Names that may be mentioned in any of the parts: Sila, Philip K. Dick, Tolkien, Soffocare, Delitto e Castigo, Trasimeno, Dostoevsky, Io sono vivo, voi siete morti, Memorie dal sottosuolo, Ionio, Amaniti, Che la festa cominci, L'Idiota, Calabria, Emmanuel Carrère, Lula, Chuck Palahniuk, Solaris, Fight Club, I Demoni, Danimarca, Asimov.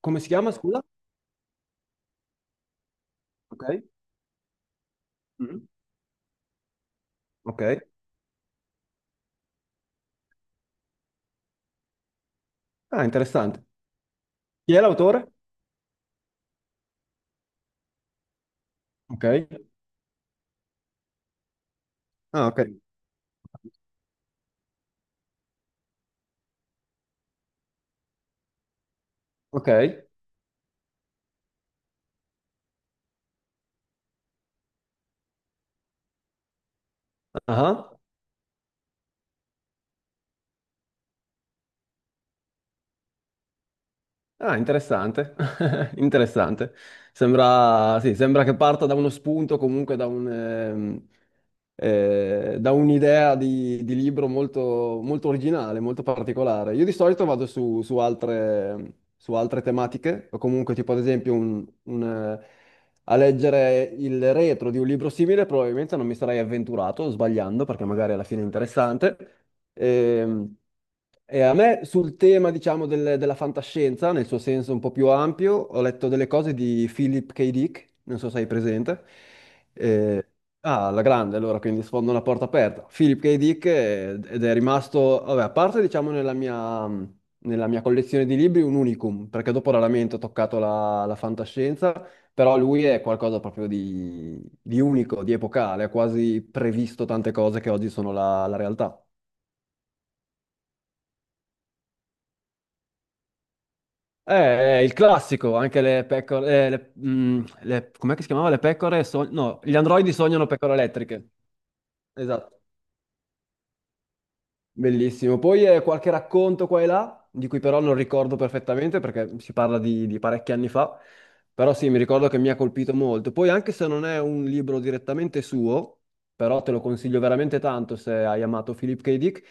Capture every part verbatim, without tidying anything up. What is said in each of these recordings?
Come si chiama, scusa? Ok. Mm. Ok. Ah, interessante. Chi è l'autore? Ok. Ah, ok. Ok. Ah, ah, interessante. Interessante. Sembra, sì, sembra che parta da uno spunto, comunque da un, ehm, eh, da un'idea di, di libro molto, molto originale, molto particolare. Io di solito vado su, su altre, su altre tematiche, o comunque tipo ad esempio un, un, eh, a leggere il retro di un libro simile, probabilmente non mi sarei avventurato, sbagliando, perché magari alla fine è interessante. Ehm, E, a me sul tema, diciamo, del- della fantascienza, nel suo senso un po' più ampio, ho letto delle cose di Philip K. Dick, non so se hai presente. Eh, Ah, la grande, allora, quindi sfondo una porta aperta. Philip K. Dick, eh, ed è rimasto, vabbè, a parte diciamo nella mia, nella mia collezione di libri un unicum, perché dopo raramente ho toccato la, la fantascienza, però lui è qualcosa proprio di, di unico, di epocale, ha quasi previsto tante cose che oggi sono la, la realtà. Eh, È il classico, anche le pecore, eh, le, mm, le- com'è che si chiamava? Le pecore, sog- no, gli androidi sognano pecore elettriche. Esatto. Bellissimo. Poi, eh, qualche racconto qua e là, di cui però non ricordo perfettamente perché si parla di, di parecchi anni fa, però sì, mi ricordo che mi ha colpito molto. Poi anche se non è un libro direttamente suo, però te lo consiglio veramente tanto se hai amato Philip K. Dick,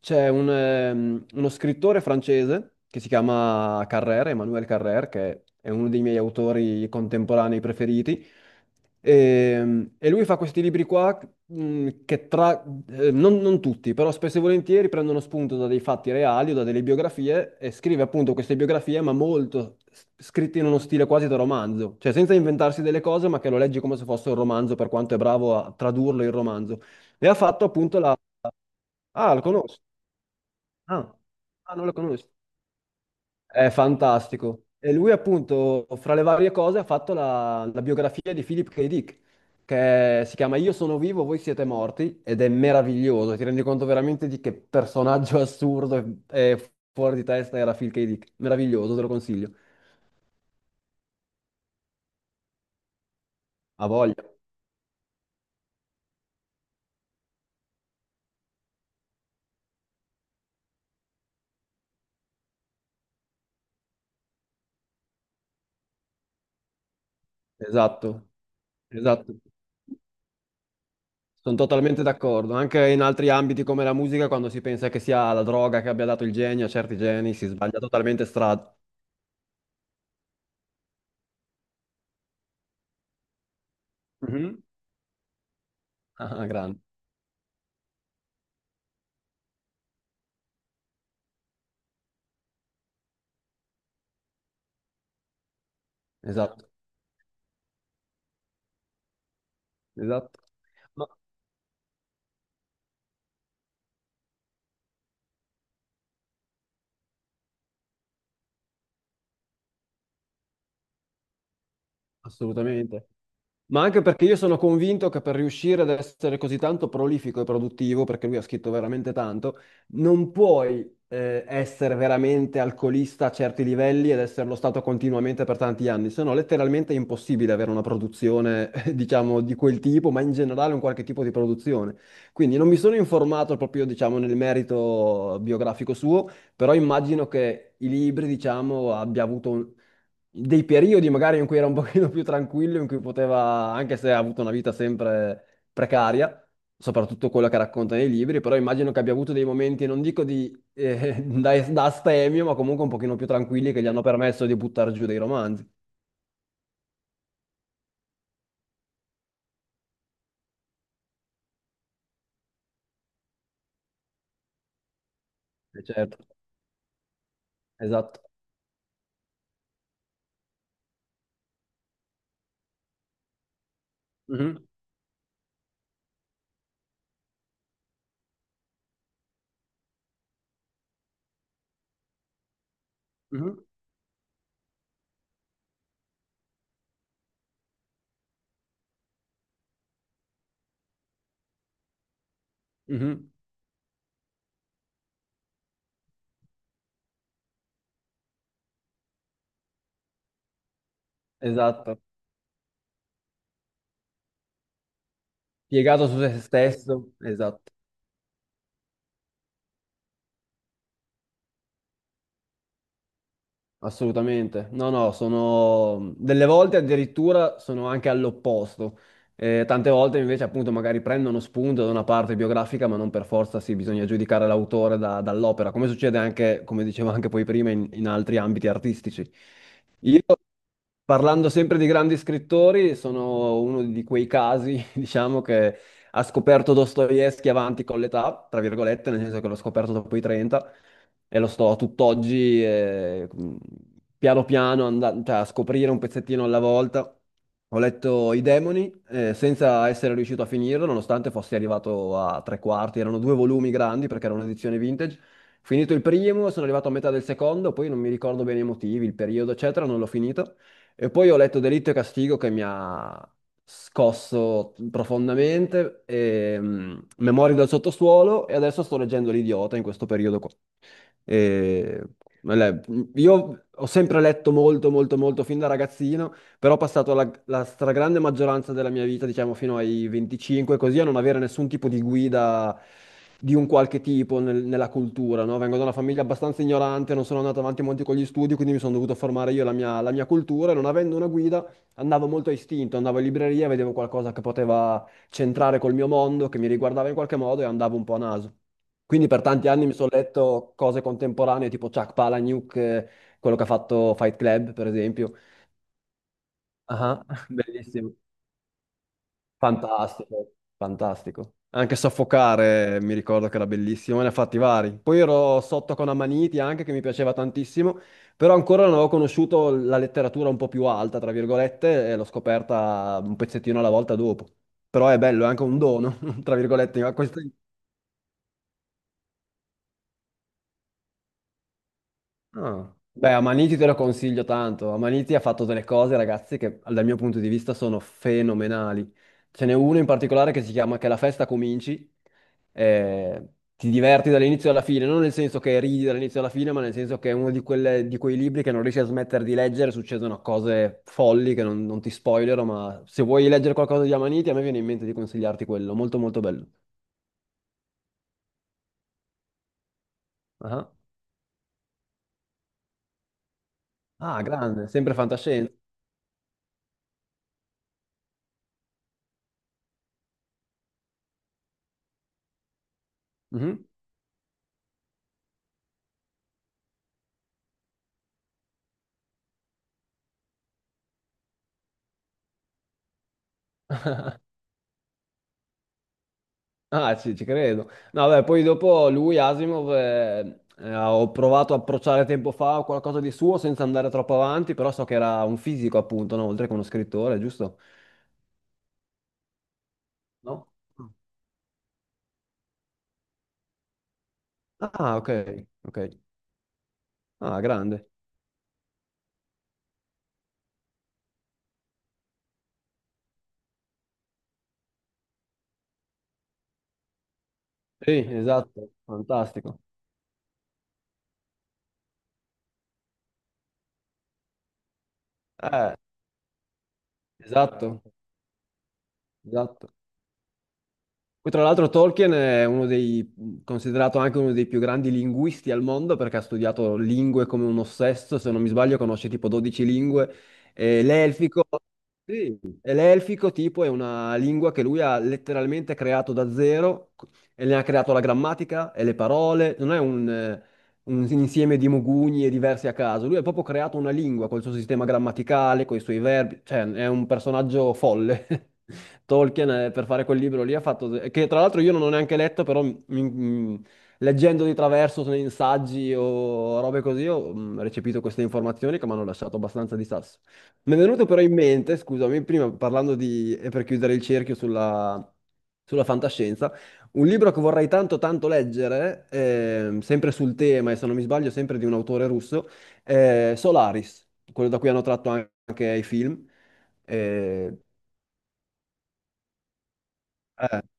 c'è un, ehm, uno scrittore francese che si chiama Carrère, Emmanuel Carrère, che è uno dei miei autori contemporanei preferiti. E, e lui fa questi libri qua, mh, che tra, eh, non, non tutti, però spesso e volentieri prendono spunto da dei fatti reali o da delle biografie e scrive appunto queste biografie, ma molto s- scritte in uno stile quasi da romanzo, cioè senza inventarsi delle cose, ma che lo leggi come se fosse un romanzo, per quanto è bravo a tradurlo in romanzo. E ha fatto appunto la... Ah, lo conosco. Ah, ah, non lo conosco. È fantastico. E lui, appunto, fra le varie cose, ha fatto la, la biografia di Philip K. Dick, che si chiama Io sono vivo, voi siete morti, ed è meraviglioso. Ti rendi conto veramente di che personaggio assurdo e, e fuori di testa era Phil K. Dick. Meraviglioso, te lo consiglio. Ha voglia. Esatto, esatto. Sono totalmente d'accordo. Anche in altri ambiti come la musica, quando si pensa che sia la droga che abbia dato il genio a certi geni, si sbaglia totalmente strada. Mhm. Ah, grande. Esatto. Esatto. Ma- assolutamente. Ma anche perché io sono convinto che per riuscire ad essere così tanto prolifico e produttivo, perché lui ha scritto veramente tanto, non puoi, eh, essere veramente alcolista a certi livelli ed esserlo stato continuamente per tanti anni, se no letteralmente è impossibile avere una produzione, eh, diciamo, di quel tipo, ma in generale un qualche tipo di produzione. Quindi non mi sono informato proprio, diciamo, nel merito biografico suo, però immagino che i libri, diciamo, abbia avuto un- dei periodi magari in cui era un pochino più tranquillo, in cui poteva, anche se ha avuto una vita sempre precaria, soprattutto quello che racconta nei libri, però immagino che abbia avuto dei momenti, non dico di, eh, da, da astemio, ma comunque un pochino più tranquilli che gli hanno permesso di buttare giù dei romanzi. Eh, Certo, esatto. Mhm, mhm, mhm, esatto. Piegato su se stesso, esatto. Assolutamente. No, no, sono delle volte addirittura sono anche all'opposto. Eh, tante volte invece appunto magari prendono spunto da una parte biografica, ma non per forza sì, bisogna giudicare l'autore da- dall'opera, come succede anche, come dicevo anche poi prima, in, in altri ambiti artistici. Parlando sempre di grandi scrittori, sono uno di quei casi, diciamo, che ha scoperto Dostoevsky avanti con l'età, tra virgolette, nel senso che l'ho scoperto dopo i trenta e lo sto tutt'oggi, eh, mh, piano piano, andando, a scoprire un pezzettino alla volta. Ho letto I Demoni, eh, senza essere riuscito a finirlo, nonostante fossi arrivato a tre quarti, erano due volumi grandi perché era un'edizione vintage. Finito il primo, sono arrivato a metà del secondo, poi non mi ricordo bene i motivi, il periodo, eccetera, non l'ho finito. E poi ho letto Delitto e Castigo che mi ha scosso profondamente, e, mm, Memorie dal sottosuolo e adesso sto leggendo L'Idiota in questo periodo qua. E, le- io ho sempre letto molto, molto, molto fin da ragazzino, però ho passato la, la stragrande maggioranza della mia vita, diciamo fino ai venticinque, così a non avere nessun tipo di guida di un qualche tipo nel- nella cultura, no? Vengo da una famiglia abbastanza ignorante, non sono andato avanti molto con gli studi, quindi mi sono dovuto formare io la mia, la mia cultura e non avendo una guida andavo molto a istinto, andavo in libreria, vedevo qualcosa che poteva centrare col mio mondo, che mi riguardava in qualche modo e andavo un po' a naso. Quindi per tanti anni mi sono letto cose contemporanee tipo Chuck Palahniuk, eh, quello che ha fatto Fight Club, per esempio. Ah, bellissimo, fantastico, fantastico. Anche Soffocare mi ricordo che era bellissimo, ne ha fatti vari. Poi ero sotto con Amaniti anche, che mi piaceva tantissimo, però ancora non avevo conosciuto la letteratura un po' più alta, tra virgolette, e l'ho scoperta un pezzettino alla volta dopo. Però è bello, è anche un dono, tra virgolette, ma questa. Ah, beh, Amaniti te lo consiglio tanto. Amaniti ha fatto delle cose, ragazzi, che dal mio punto di vista sono fenomenali. Ce n'è uno in particolare che si chiama Che la festa cominci. Eh, ti diverti dall'inizio alla fine, non nel senso che ridi dall'inizio alla fine, ma nel senso che è uno di, quelle- di quei libri che non riesci a smettere di leggere, succedono cose folli che non, non ti spoilerò, ma se vuoi leggere qualcosa di Amaniti, a me viene in mente di consigliarti quello, molto molto bello. Ah, ah, grande, sempre fantascienza. Mhm. Ah, sì, ci credo. No, beh, poi dopo lui, Asimov, eh, eh, ho provato a approcciare tempo fa qualcosa di suo senza andare troppo avanti, però so che era un fisico, appunto, no? Oltre che uno scrittore, giusto? No? Ah, ok, ok. Ah, grande. Sì, esatto, fantastico. Eh, esatto, esatto. Poi, tra l'altro, Tolkien è uno dei, considerato anche uno dei più grandi linguisti al mondo perché ha studiato lingue come un ossesso, se non mi sbaglio, conosce tipo dodici lingue. E l'elfico, sì, e l'elfico tipo è una lingua che lui ha letteralmente creato da zero e ne ha creato la grammatica e le parole. Non è un, eh, un insieme di mogugni e diversi a caso. Lui ha proprio creato una lingua col suo sistema grammaticale, con i suoi verbi, cioè è un personaggio folle. Tolkien, eh, per fare quel libro lì, ha fatto, che tra l'altro io non ho neanche letto, però mi- mi- leggendo di traverso nei saggi o robe così, ho, mm, recepito queste informazioni che mi hanno lasciato abbastanza di sasso. Mi è venuto però in mente, scusami, prima parlando di, e per chiudere il cerchio sulla sulla fantascienza, un libro che vorrei tanto tanto leggere, ehm, sempre sul tema, e se non mi sbaglio, sempre di un autore russo, è Solaris, quello da cui hanno tratto an- anche i film. Eh, eh,